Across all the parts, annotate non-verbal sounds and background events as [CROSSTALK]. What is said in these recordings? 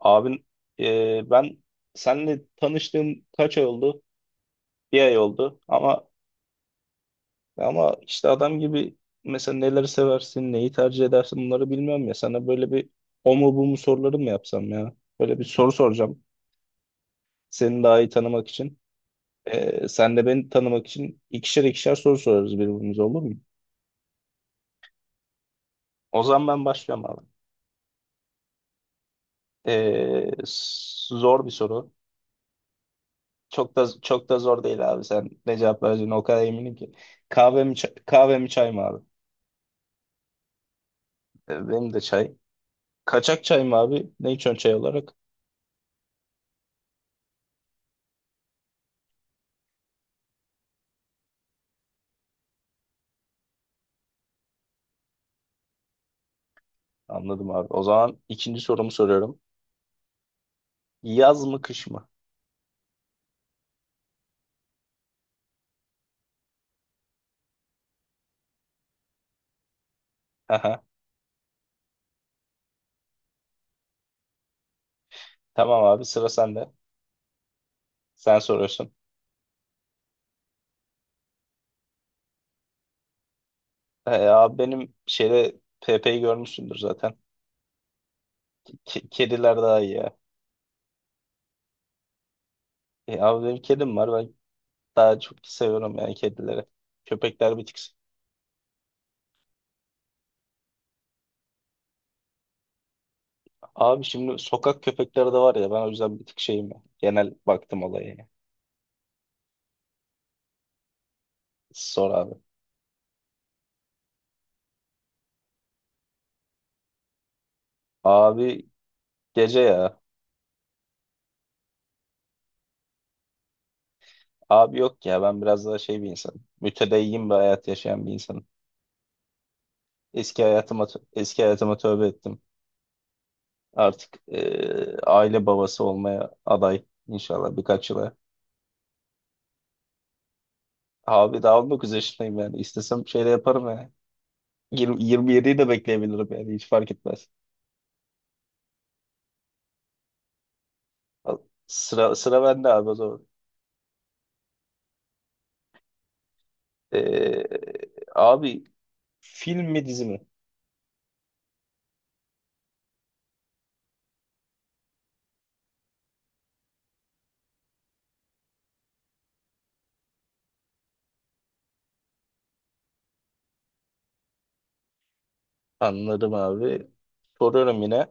Abin, ben seninle tanıştığım kaç ay oldu? Bir ay oldu. Ama işte adam gibi, mesela neleri seversin, neyi tercih edersin, bunları bilmiyorum ya. Sana böyle bir o mu bu mu soruları mı yapsam ya? Böyle bir soru soracağım. Seni daha iyi tanımak için. Sen de beni tanımak için ikişer ikişer soru sorarız birbirimize, olur mu? O zaman ben başlıyorum abi. Zor bir soru. Çok da zor değil abi. Sen ne cevap vereceğine o kadar eminim ki. Kahve mi, kahve mi çay mı abi? Benim de çay. Kaçak çay mı abi? Ne içiyorsun çay olarak? Anladım abi. O zaman ikinci sorumu soruyorum. Yaz mı kış mı? Aha. Tamam abi, sıra sende. Sen soruyorsun. Abi benim şeyde Pepe'yi görmüşsündür zaten. Kediler daha iyi ya. Abi benim kedim var. Ben daha çok seviyorum yani kedileri. Köpekler bir tık. Abi şimdi sokak köpekleri de var ya. Ben o yüzden bir tık şeyim ya. Genel baktım olaya ya. Sor abi. Abi gece ya. Abi yok ya, ben biraz daha şey bir insanım. Mütedeyyin bir hayat yaşayan bir insanım. Eski hayatıma tövbe ettim. Artık aile babası olmaya aday, inşallah birkaç yıla. Abi daha 19 yaşındayım yani. İstesem şeyle yaparım yani. 20, 27'yi de bekleyebilirim yani, hiç fark etmez. Al- sıra bende abi o zaman. Eee, Abi film mi dizi mi? Anladım abi. Soruyorum yine.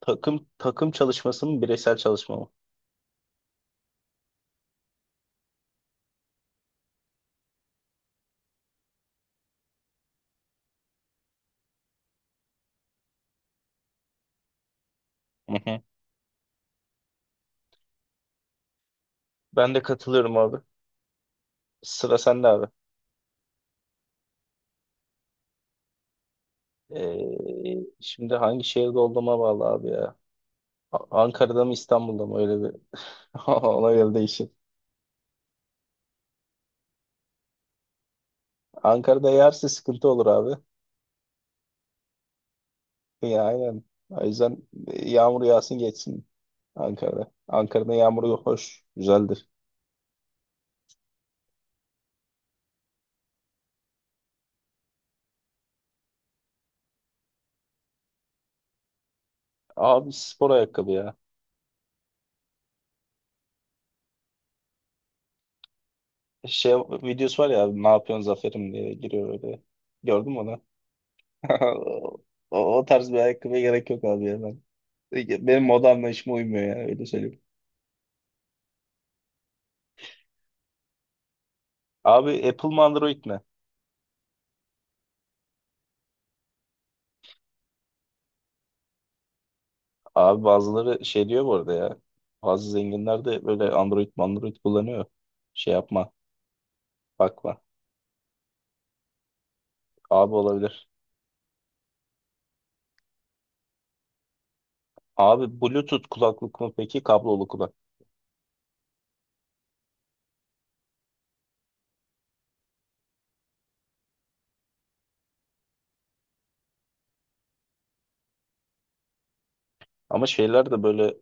Takım çalışması mı bireysel çalışma mı? Hı hı. Ben de katılıyorum abi. Sıra sende abi. Ee, Şimdi hangi şehirde olduğuma bağlı abi ya. Ankara'da mı İstanbul'da mı, öyle bir [LAUGHS] ona göre değişir. Ankara'da yağarsa sıkıntı olur abi. Ya aynen. O yüzden yağmur yağsın geçsin Ankara'da. Ankara'da yağmur hoş, güzeldir. Abi spor ayakkabı ya. Şey videosu var ya abi, ne yapıyorsun Zafer'im diye giriyor öyle. Gördün mü onu? [LAUGHS] O tarz bir ayakkabıya gerek yok abi ya ben. Benim moda anlayışıma uymuyor yani, öyle söyleyeyim. Abi Apple mı Android mi? Abi bazıları şey diyor bu arada ya. Bazı zenginler de böyle Android kullanıyor. Şey yapma. Bakma. Abi olabilir. Abi Bluetooth kulaklık mı peki? Kablolu kulak. Ama şeyler de böyle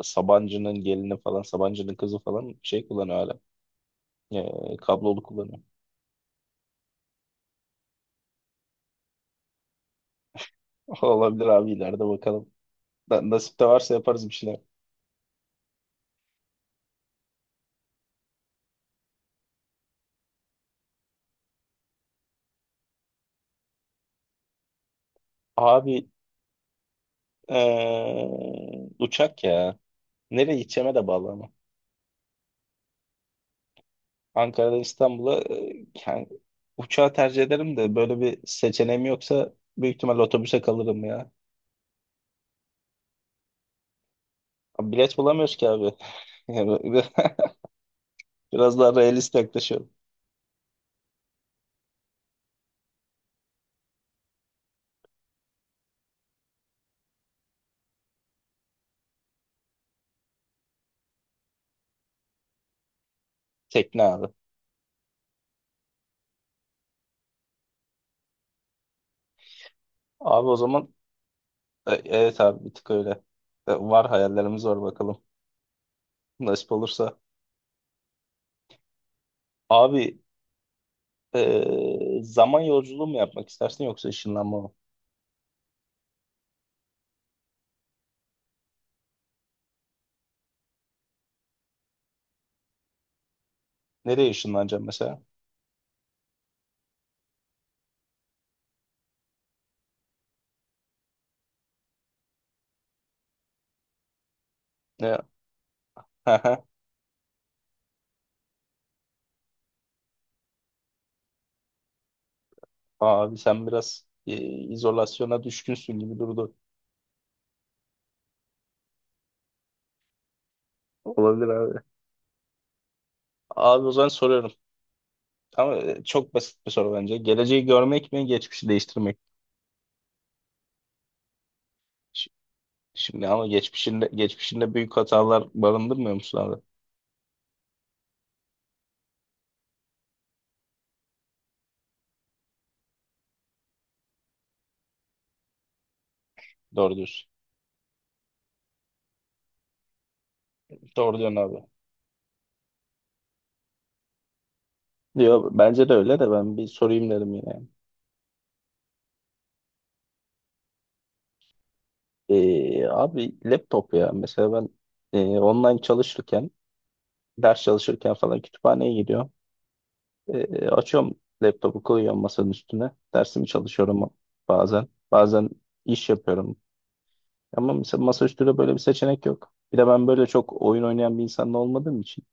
Sabancı'nın gelini falan, Sabancı'nın kızı falan şey kullanıyor hala. Kablolu kullanıyor. [LAUGHS] Olabilir abi, ileride bakalım. Nasip de varsa yaparız bir şeyler. Abi uçak ya. Nereye gideceğime de bağlı ama. Ankara'dan İstanbul'a, yani uçağı tercih ederim de böyle bir seçeneğim yoksa büyük ihtimal otobüse kalırım ya. Abi bilet bulamıyoruz ki abi. [LAUGHS] Yani [LAUGHS] biraz daha realist yaklaşıyorum. Tekne abi. Abi o zaman evet abi, bir tık öyle. Var, hayallerimiz var, bakalım. Nasip olursa. Abi zaman yolculuğu mu yapmak istersin yoksa ışınlanma mı? Nereye ışınlanacağım mesela? Ne? [LAUGHS] Abi sen biraz izolasyona düşkünsün gibi durdu. Olabilir abi. Abi o zaman soruyorum. Ama çok basit bir soru bence. Geleceği görmek mi, geçmişi değiştirmek mi? Ş- Şimdi ama geçmişinde büyük hatalar barındırmıyor musun abi? Doğru diyorsun. Doğru diyorsun abi. Diyor, bence de öyle, de ben bir sorayım dedim yine. Abi laptop ya. Mesela ben online çalışırken, ders çalışırken falan kütüphaneye gidiyorum. Açıyorum laptopu, koyuyorum masanın üstüne. Dersimi çalışıyorum bazen. Bazen iş yapıyorum. Ama mesela masaüstü de, böyle bir seçenek yok. Bir de ben böyle çok oyun oynayan bir insan olmadığım için.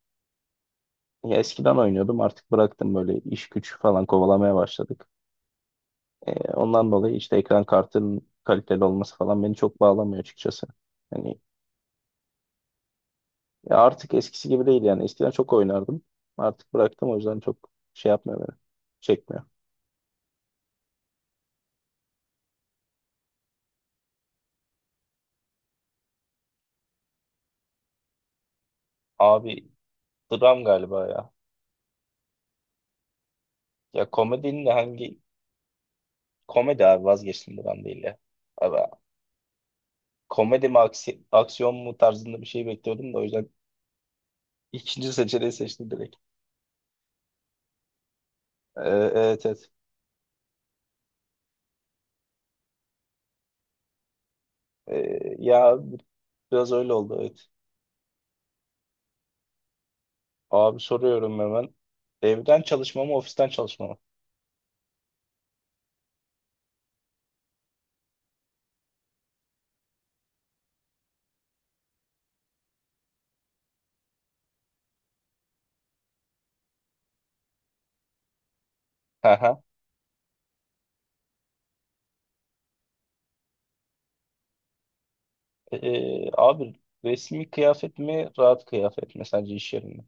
Ya eskiden oynuyordum, artık bıraktım, böyle iş güç falan kovalamaya başladık. Ondan dolayı işte ekran kartının kaliteli olması falan beni çok bağlamıyor açıkçası. Hani ya artık eskisi gibi değil yani. Eskiden çok oynardım. Artık bıraktım, o yüzden çok şey yapmıyor beni. Çekmiyor. Abi dram galiba ya. Ya komedinin de hangi abi, vazgeçtim, dram değil ya. Abi komedi mi aksiyon mu tarzında bir şey bekliyordum da o yüzden İkinci seçeneği seçtim direkt. Ee, evet evet. Ya biraz öyle oldu, evet. Abi soruyorum hemen. Evden çalışma mı ofisten çalışma mı? Hı hı. Abi resmi kıyafet mi rahat kıyafet mi sence iş yerinde?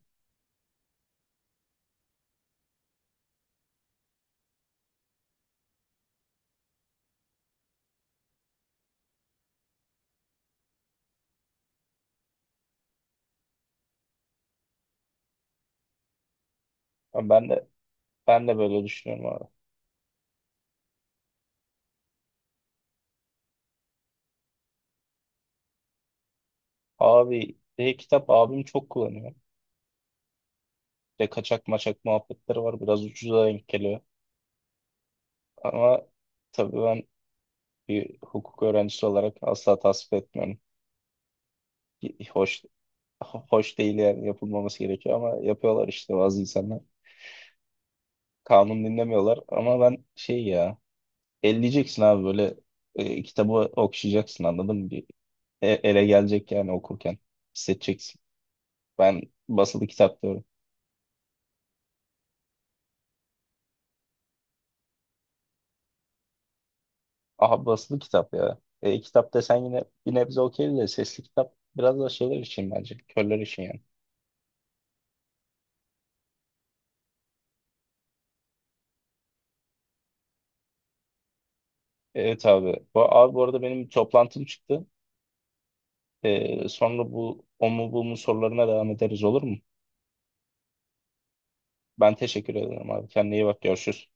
Ama ben de böyle düşünüyorum abi. Abi e-kitap abim çok kullanıyor. Ve kaçak maçak muhabbetleri var. Biraz ucuza denk geliyor. Ama tabii ben bir hukuk öğrencisi olarak asla tasvip etmiyorum. Hoş Hoş değil yani, yapılmaması gerekiyor ama yapıyorlar işte bazı insanlar. Kanun dinlemiyorlar ama ben şey ya, elleyeceksin abi, böyle kitabı okşayacaksın, anladın mı? Ele gelecek yani, okurken hissedeceksin. Ben basılı kitap diyorum. Aha, basılı kitap ya. E, kitap desen yine bir nebze okey de sesli kitap biraz da şeyler için, bence körler için yani. Evet abi. Bu, abi, bu arada benim bir toplantım çıktı. Sonra bu o mu bu mu sorularına devam ederiz, olur mu? Ben teşekkür ederim abi. Kendine iyi bak. Görüşürüz.